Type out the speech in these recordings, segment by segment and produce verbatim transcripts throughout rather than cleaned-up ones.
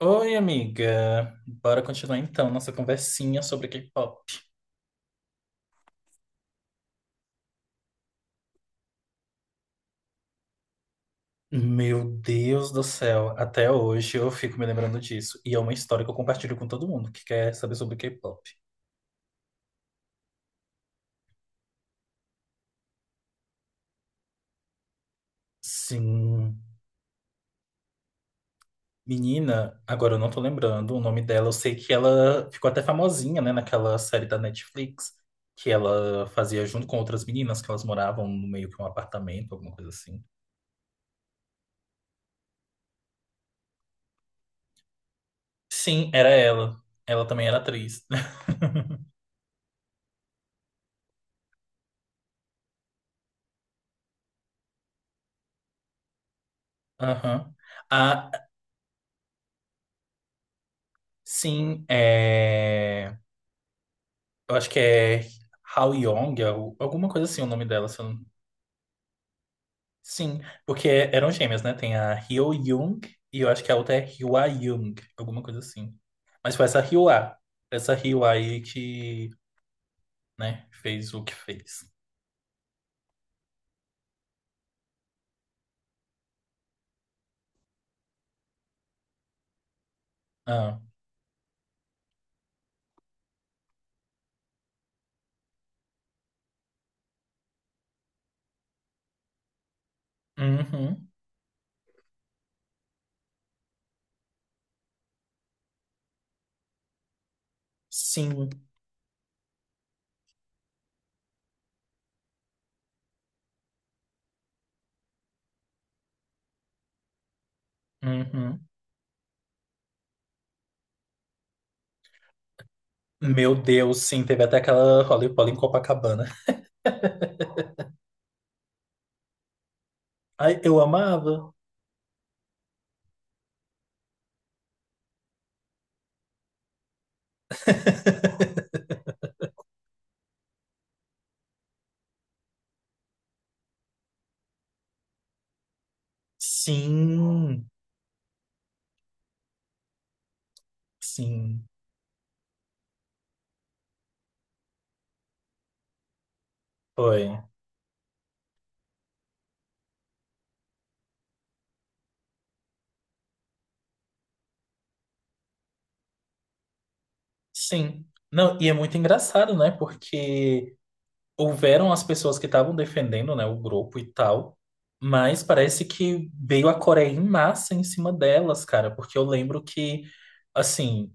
Oi, amiga. Bora continuar então nossa conversinha sobre K-pop. Meu Deus do céu, até hoje eu fico me lembrando disso. E é uma história que eu compartilho com todo mundo que quer saber sobre K-pop. Sim. Menina, agora eu não tô lembrando o nome dela. Eu sei que ela ficou até famosinha, né, naquela série da Netflix que ela fazia junto com outras meninas que elas moravam no meio que um apartamento, alguma coisa assim. Sim, era ela. Ela também era atriz. Aham. A. Sim, é... eu acho que é Hao Yong, al- alguma coisa assim o nome dela. Se eu não- Sim, porque é, eram gêmeas, né? Tem a Hyo Young e eu acho que a outra é Hwa Young, alguma coisa assim. Mas foi essa Hwa, essa Hwa aí que, né, fez o que fez. Ah, uhum, sim, uhum. Meu Deus, sim, teve até aquela Holly Polly em Copacabana. Ai, eu amava. Sim, sim, foi. Sim. Não, e é muito engraçado, né? Porque houveram as pessoas que estavam defendendo, né, o grupo e tal, mas parece que veio a Coreia em massa em cima delas, cara, porque eu lembro que, assim,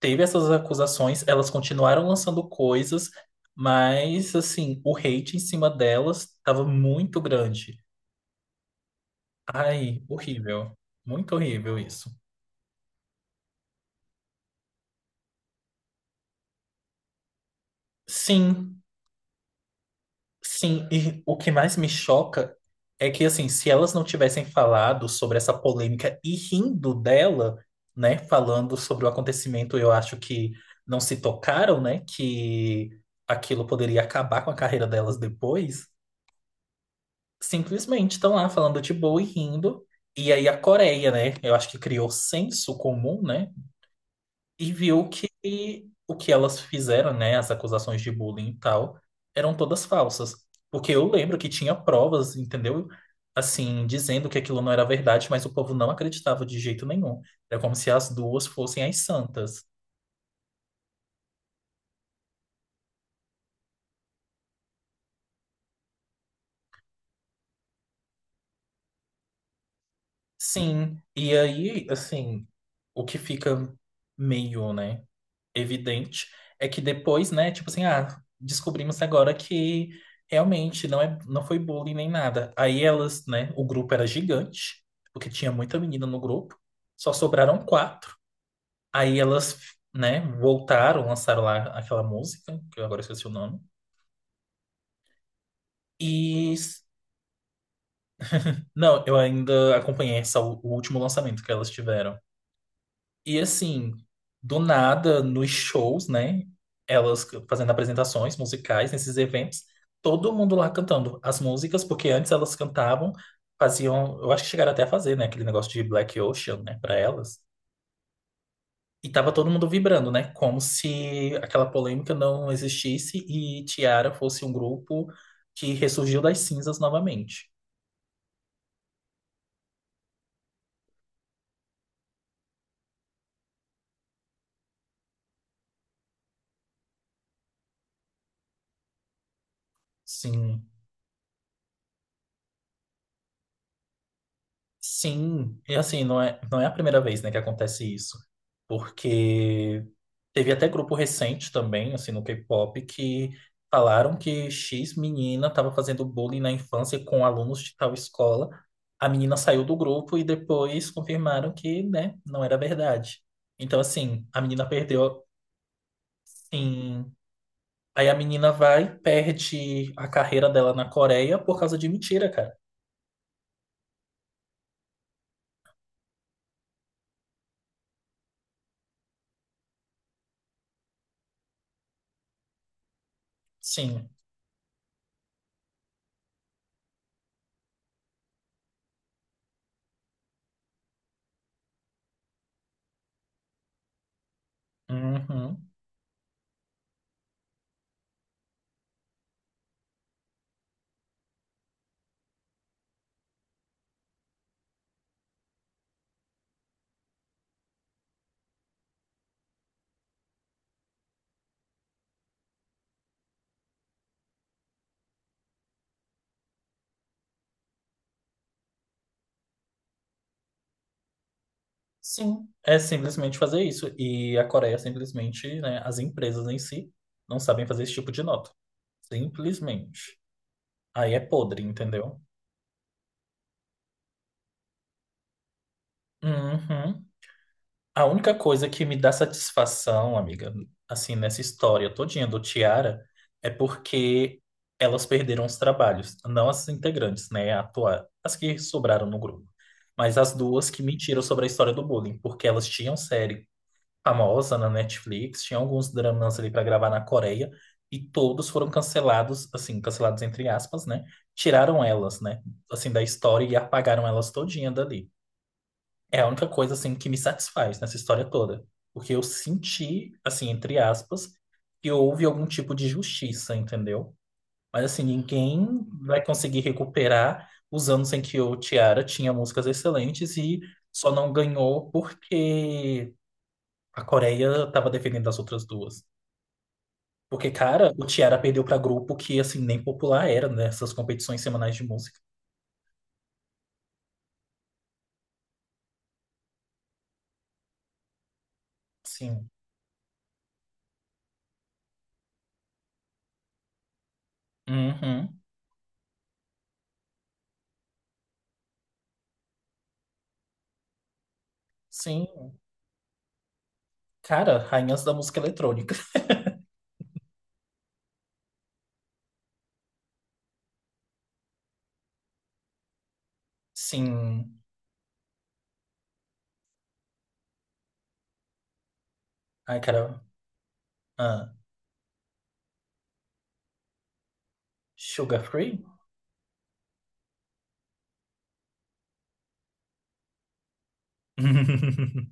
teve essas acusações, elas continuaram lançando coisas, mas, assim, o hate em cima delas estava muito grande. Ai, horrível. Muito horrível isso. Sim. Sim, e o que mais me choca é que, assim, se elas não tivessem falado sobre essa polêmica e rindo dela, né, falando sobre o acontecimento, eu acho que não se tocaram, né, que aquilo poderia acabar com a carreira delas depois. Simplesmente estão lá falando de boa e rindo. E aí a Coreia, né, eu acho que criou senso comum, né, e viu que o que elas fizeram, né, as acusações de bullying e tal, eram todas falsas. Porque eu lembro que tinha provas, entendeu? Assim, dizendo que aquilo não era verdade, mas o povo não acreditava de jeito nenhum. Era como se as duas fossem as santas. Sim, e aí, assim, o que fica meio, né, evidente é que depois, né, tipo assim, ah, descobrimos agora que realmente não é, não foi bullying nem nada. Aí elas, né, o grupo era gigante, porque tinha muita menina no grupo, só sobraram quatro. Aí elas, né, voltaram, lançaram lá aquela música, que eu agora esqueci o nome. E não, eu ainda acompanhei essa, o último lançamento que elas tiveram. E assim, do nada, nos shows, né? Elas fazendo apresentações musicais nesses eventos, todo mundo lá cantando as músicas, porque antes elas cantavam, faziam, eu acho que chegaram até a fazer, né, aquele negócio de Black Ocean, né, para elas. E tava todo mundo vibrando, né, como se aquela polêmica não existisse e Tiara fosse um grupo que ressurgiu das cinzas novamente. Sim. Sim, e assim, não é, não é a primeira vez, né, que acontece isso. Porque teve até grupo recente também, assim, no K-pop, que falaram que X menina estava fazendo bullying na infância com alunos de tal escola. A menina saiu do grupo e depois confirmaram que, né, não era verdade. Então, assim, a menina perdeu, sim. Aí a menina vai, e perde a carreira dela na Coreia por causa de mentira, cara. Sim. Uhum. Sim, é simplesmente fazer isso. E a Coreia simplesmente, né, as empresas em si não sabem fazer esse tipo de nota. Simplesmente. Aí é podre, entendeu? Uhum. A única coisa que me dá satisfação, amiga, assim, nessa história todinha do Tiara, é porque elas perderam os trabalhos. Não as integrantes, né, atuar, as que sobraram no grupo. Mas as duas que mentiram sobre a história do bullying, porque elas tinham série famosa na Netflix, tinha alguns dramas ali para gravar na Coreia e todos foram cancelados, assim, cancelados entre aspas, né? Tiraram elas, né, assim da história e apagaram elas todinha dali. É a única coisa assim que me satisfaz nessa história toda, porque eu senti, assim, entre aspas, que houve algum tipo de justiça, entendeu? Mas assim, ninguém vai conseguir recuperar os anos em que o Tiara tinha músicas excelentes e só não ganhou porque a Coreia tava defendendo as outras duas. Porque, cara, o Tiara perdeu pra grupo que, assim, nem popular era, nessas competições semanais de música. Sim. Uhum. Sim. Cara, rainhas da música eletrônica. Sim. Ai, cara. Ah, Sugar Free?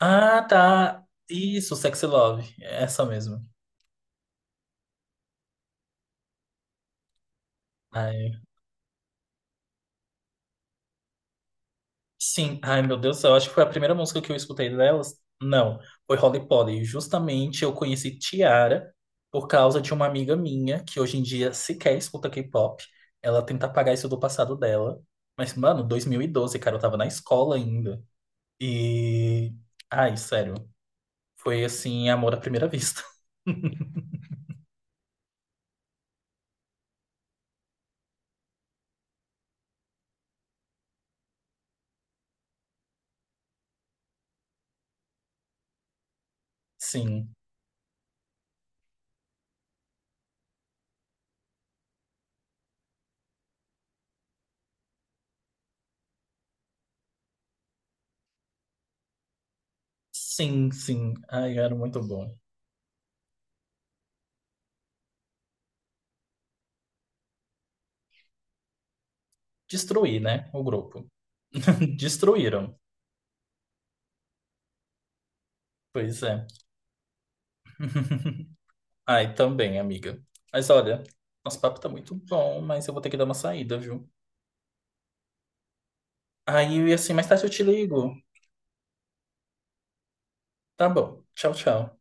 Ah, tá. Isso, Sexy Love. Essa mesmo. Ai, sim, ai meu Deus do céu, acho que foi a primeira música que eu escutei delas. Não, foi Holly Polly. Justamente eu conheci Tiara por causa de uma amiga minha que hoje em dia sequer escuta K-pop. Ela tenta apagar isso do passado dela. Mas, mano, dois mil e doze, cara, eu tava na escola ainda. E. Ai, sério. Foi assim, amor à primeira vista. Sim, sim, sim. Ai, era muito bom. Destruir, né? O grupo. Destruíram. Pois é. Ai, também, amiga. Mas olha, nosso papo tá muito bom, mas eu vou ter que dar uma saída, viu? Aí, assim, mais tarde eu te ligo. Tá bom. Tchau, tchau.